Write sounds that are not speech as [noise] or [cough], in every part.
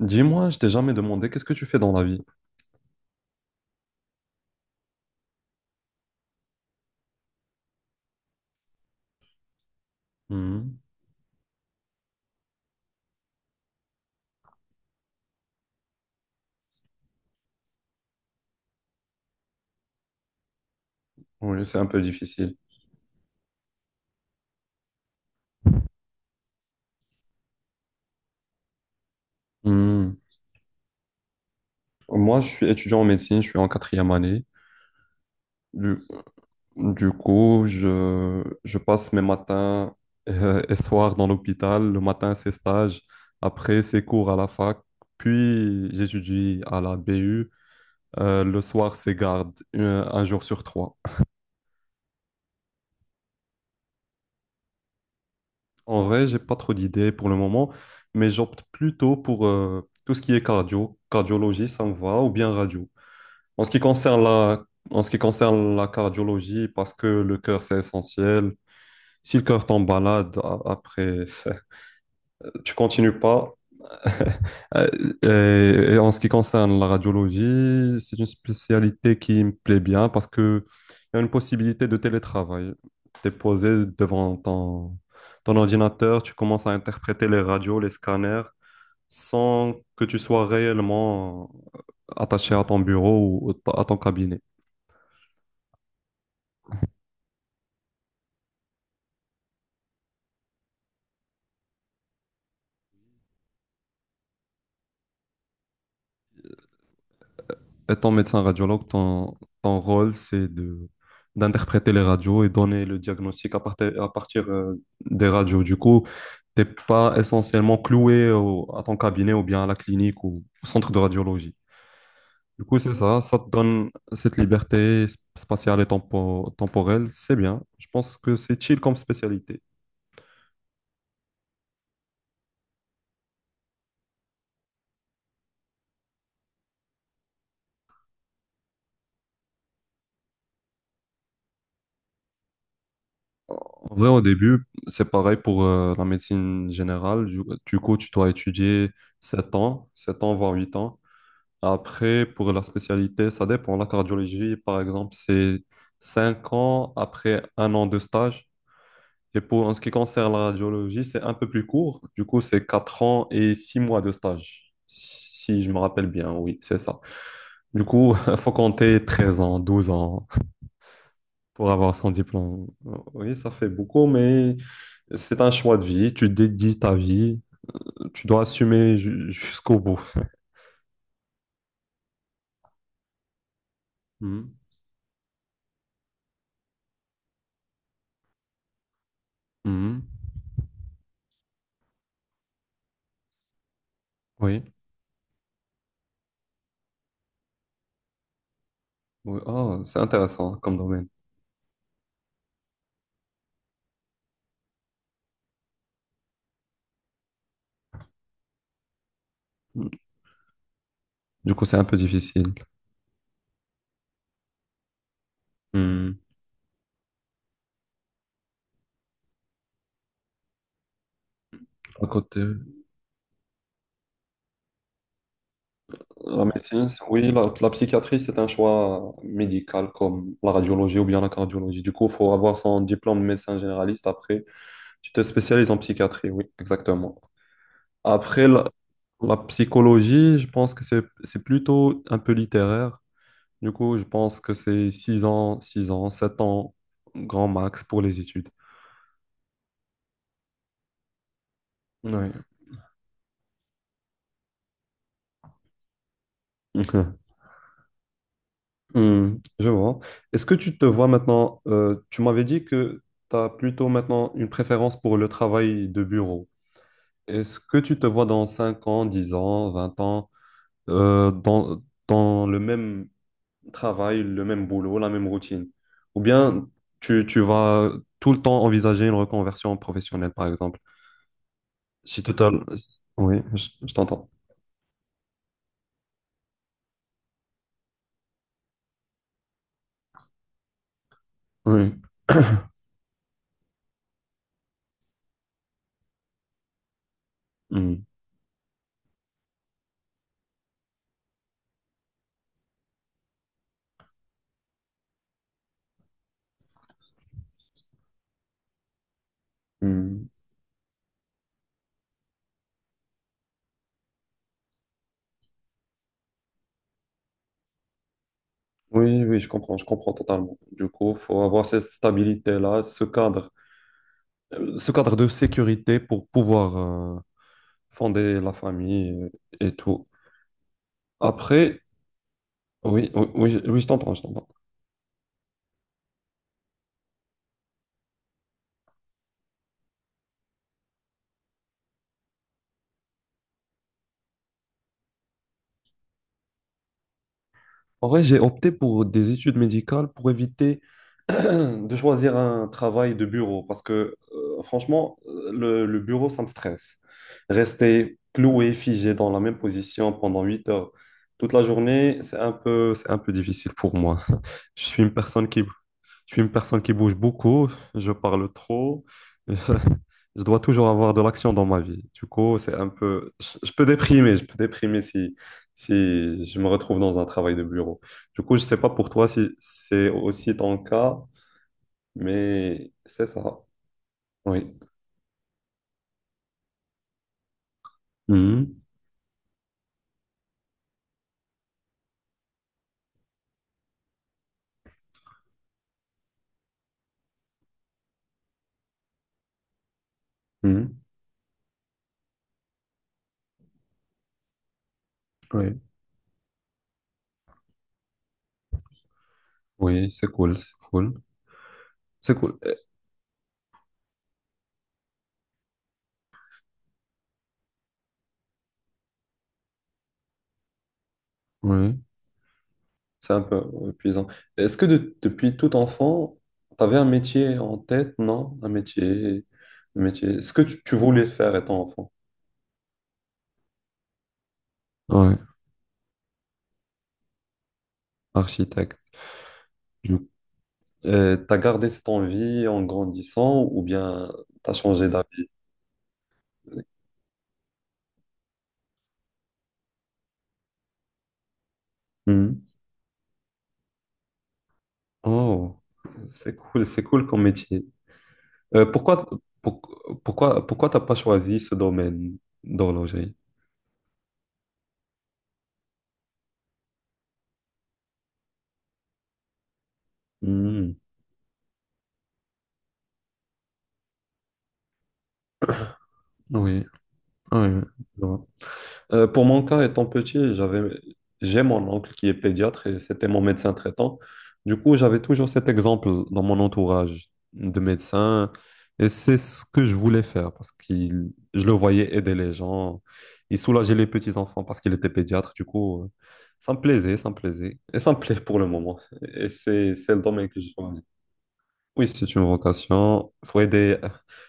Dis-moi, je t'ai jamais demandé qu'est-ce que tu fais dans la vie? Mhm. Oui, c'est un peu difficile. Mhm. Moi, je suis étudiant en médecine, je suis en quatrième année. Du, du coup, je passe mes matins [laughs] et soirs dans l'hôpital. Le matin, c'est stage. Après, c'est cours à la fac. Puis, j'étudie à la BU. Le soir, c'est garde, un jour sur trois. En vrai, j'ai pas trop d'idées pour le moment, mais j'opte plutôt pour tout ce qui est cardio. Cardiologie, ça me va, ou bien radio. En ce qui concerne la, En ce qui concerne la cardiologie, parce que le cœur, c'est essentiel. Si le cœur tombe malade, après, [laughs] tu continues pas. [laughs] Euh, et en ce qui concerne la radiologie, c'est une spécialité qui me plaît bien parce que il y a une possibilité de télétravail. Tu es posé devant ton ordinateur, tu commences à interpréter les radios, les scanners, sans que tu sois réellement attaché à ton bureau ou à ton cabinet. Étant médecin radiologue, ton rôle, c'est de d'interpréter les radios et donner le diagnostic à partir des radios. Du coup, t'es pas essentiellement cloué à ton cabinet ou bien à la clinique ou au centre de radiologie. Du coup, c'est ça, ça te donne cette liberté spatiale et temporelle, c'est bien. Je pense que c'est chill comme spécialité. En vrai, au début, c'est pareil pour la médecine générale. Du coup, tu dois étudier 7 ans, voire 8 ans. Après, pour la spécialité, ça dépend. La cardiologie, par exemple, c'est 5 ans après 1 an de stage. Et pour en ce qui concerne la radiologie, c'est un peu plus court. Du coup, c'est 4 ans et 6 mois de stage, si je me rappelle bien. Oui, c'est ça. Du coup, [laughs] il faut compter 13 ans, 12 ans pour avoir son diplôme. Oui, ça fait beaucoup, mais c'est un choix de vie. Tu dédies ta vie. Tu dois assumer jusqu'au bout. Mhm. Mhm. Oui. Oui. Ah, c'est intéressant comme domaine. Mm. Du coup, c'est un peu difficile. Hmm. À côté. La médecine, oui, la psychiatrie, c'est un choix médical comme la radiologie ou bien la cardiologie. Du coup, il faut avoir son diplôme de médecin généraliste. Après, tu te spécialises en psychiatrie, oui, exactement. Après, la psychologie, je pense que c'est plutôt un peu littéraire. Du coup, je pense que c'est 6 ans, 7 ans, grand max pour les études. Oui. [laughs] Hmm, je vois. Est-ce que tu te vois maintenant, tu m'avais dit que tu as plutôt maintenant une préférence pour le travail de bureau. Est-ce que tu te vois dans 5 ans, 10 ans, 20 ans, euh, dans, dans le même travail, le même boulot, la même routine? Ou bien tu vas tout le temps envisager une reconversion professionnelle, par exemple? Si total... Oui, je t'entends. Oui. Hmm, hmm. Oui, oui, je comprends totalement. Du coup, faut avoir cette stabilité-là, ce cadre de sécurité pour pouvoir euh, fonder la famille et tout. Après, oui, oui, oui, je oui, je t'entends. En vrai, j'ai opté pour des études médicales pour éviter [clears throat] de choisir un travail de bureau parce que franchement, le bureau, ça me stresse. Rester cloué, figé dans la même position pendant 8 heures toute la journée, c'est un peu difficile pour moi. [laughs] Je suis une personne qui Je suis une personne qui bouge beaucoup, je parle trop, [laughs] je dois toujours avoir de l'action dans ma vie. Du coup, je peux déprimer, je peux déprimer si je me retrouve dans un travail de bureau. Du coup, je sais pas pour toi si c'est aussi ton cas, mais c'est ça. Oui. Mhm. Mhm. Oui. Oui, c'est cool, c'est cool. C'est cool. Eh, oui. C'est un peu ouais, épuisant. Est-ce que depuis tout enfant, tu avais un métier en tête, non? Un métier, un métier. Ce que tu voulais faire étant enfant? Ouais, architecte. Tu as gardé cette envie en grandissant ou bien t'as changé d'avis? Mhm. Oh, c'est cool comme métier. Euh, pourquoi, pour- pourquoi t'as pas choisi ce domaine d'horlogerie? Mhm. Oui, oui. Oui. Pour mon cas, étant petit, j'ai mon oncle qui est pédiatre et c'était mon médecin traitant. Du coup, j'avais toujours cet exemple dans mon entourage de médecin et c'est ce que je voulais faire parce qu'il, je le voyais aider les gens. Il soulageait les petits-enfants parce qu'il était pédiatre. Du coup, ça me plaisait et ça me plaît pour le moment. Et c'est le domaine que j'ai choisi. Oui, c'est une vocation. Faut aider,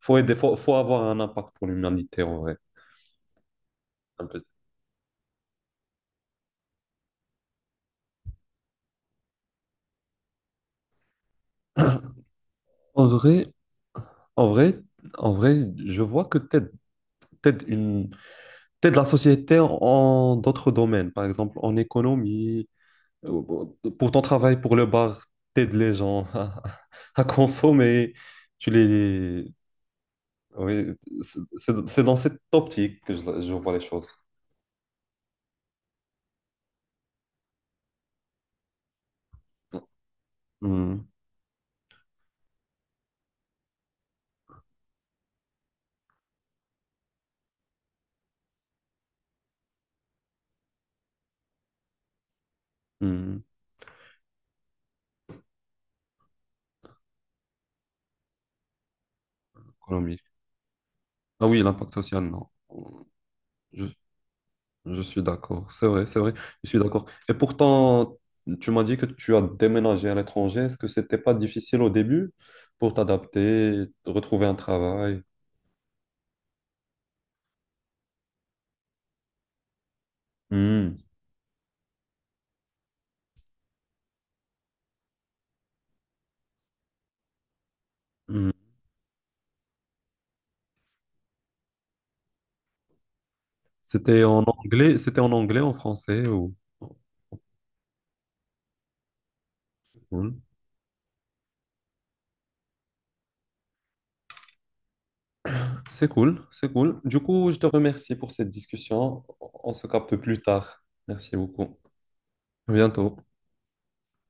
faut aider, faut avoir un impact pour l'humanité en vrai. Un peu. En vrai, en vrai, en vrai, je vois que t'aides une, t'aides la société en d'autres domaines, par exemple en économie, euh, pour ton travail, pour le bar, t'aides les gens [laughs] à consommer, tu les... Oui, c'est dans cette optique que je vois les choses. Hmm, hmm, économique. Ah oui, l'impact social, non. Je suis d'accord, c'est vrai, je suis d'accord. Et pourtant, tu m'as dit que tu as déménagé à l'étranger. Est-ce que c'était pas difficile au début pour t'adapter, retrouver un travail? Hmm, hmm. C'était en anglais, en français ou... Cool. C'est cool, c'est cool. Du coup, je te remercie pour cette discussion. On se capte plus tard. Merci beaucoup. À bientôt.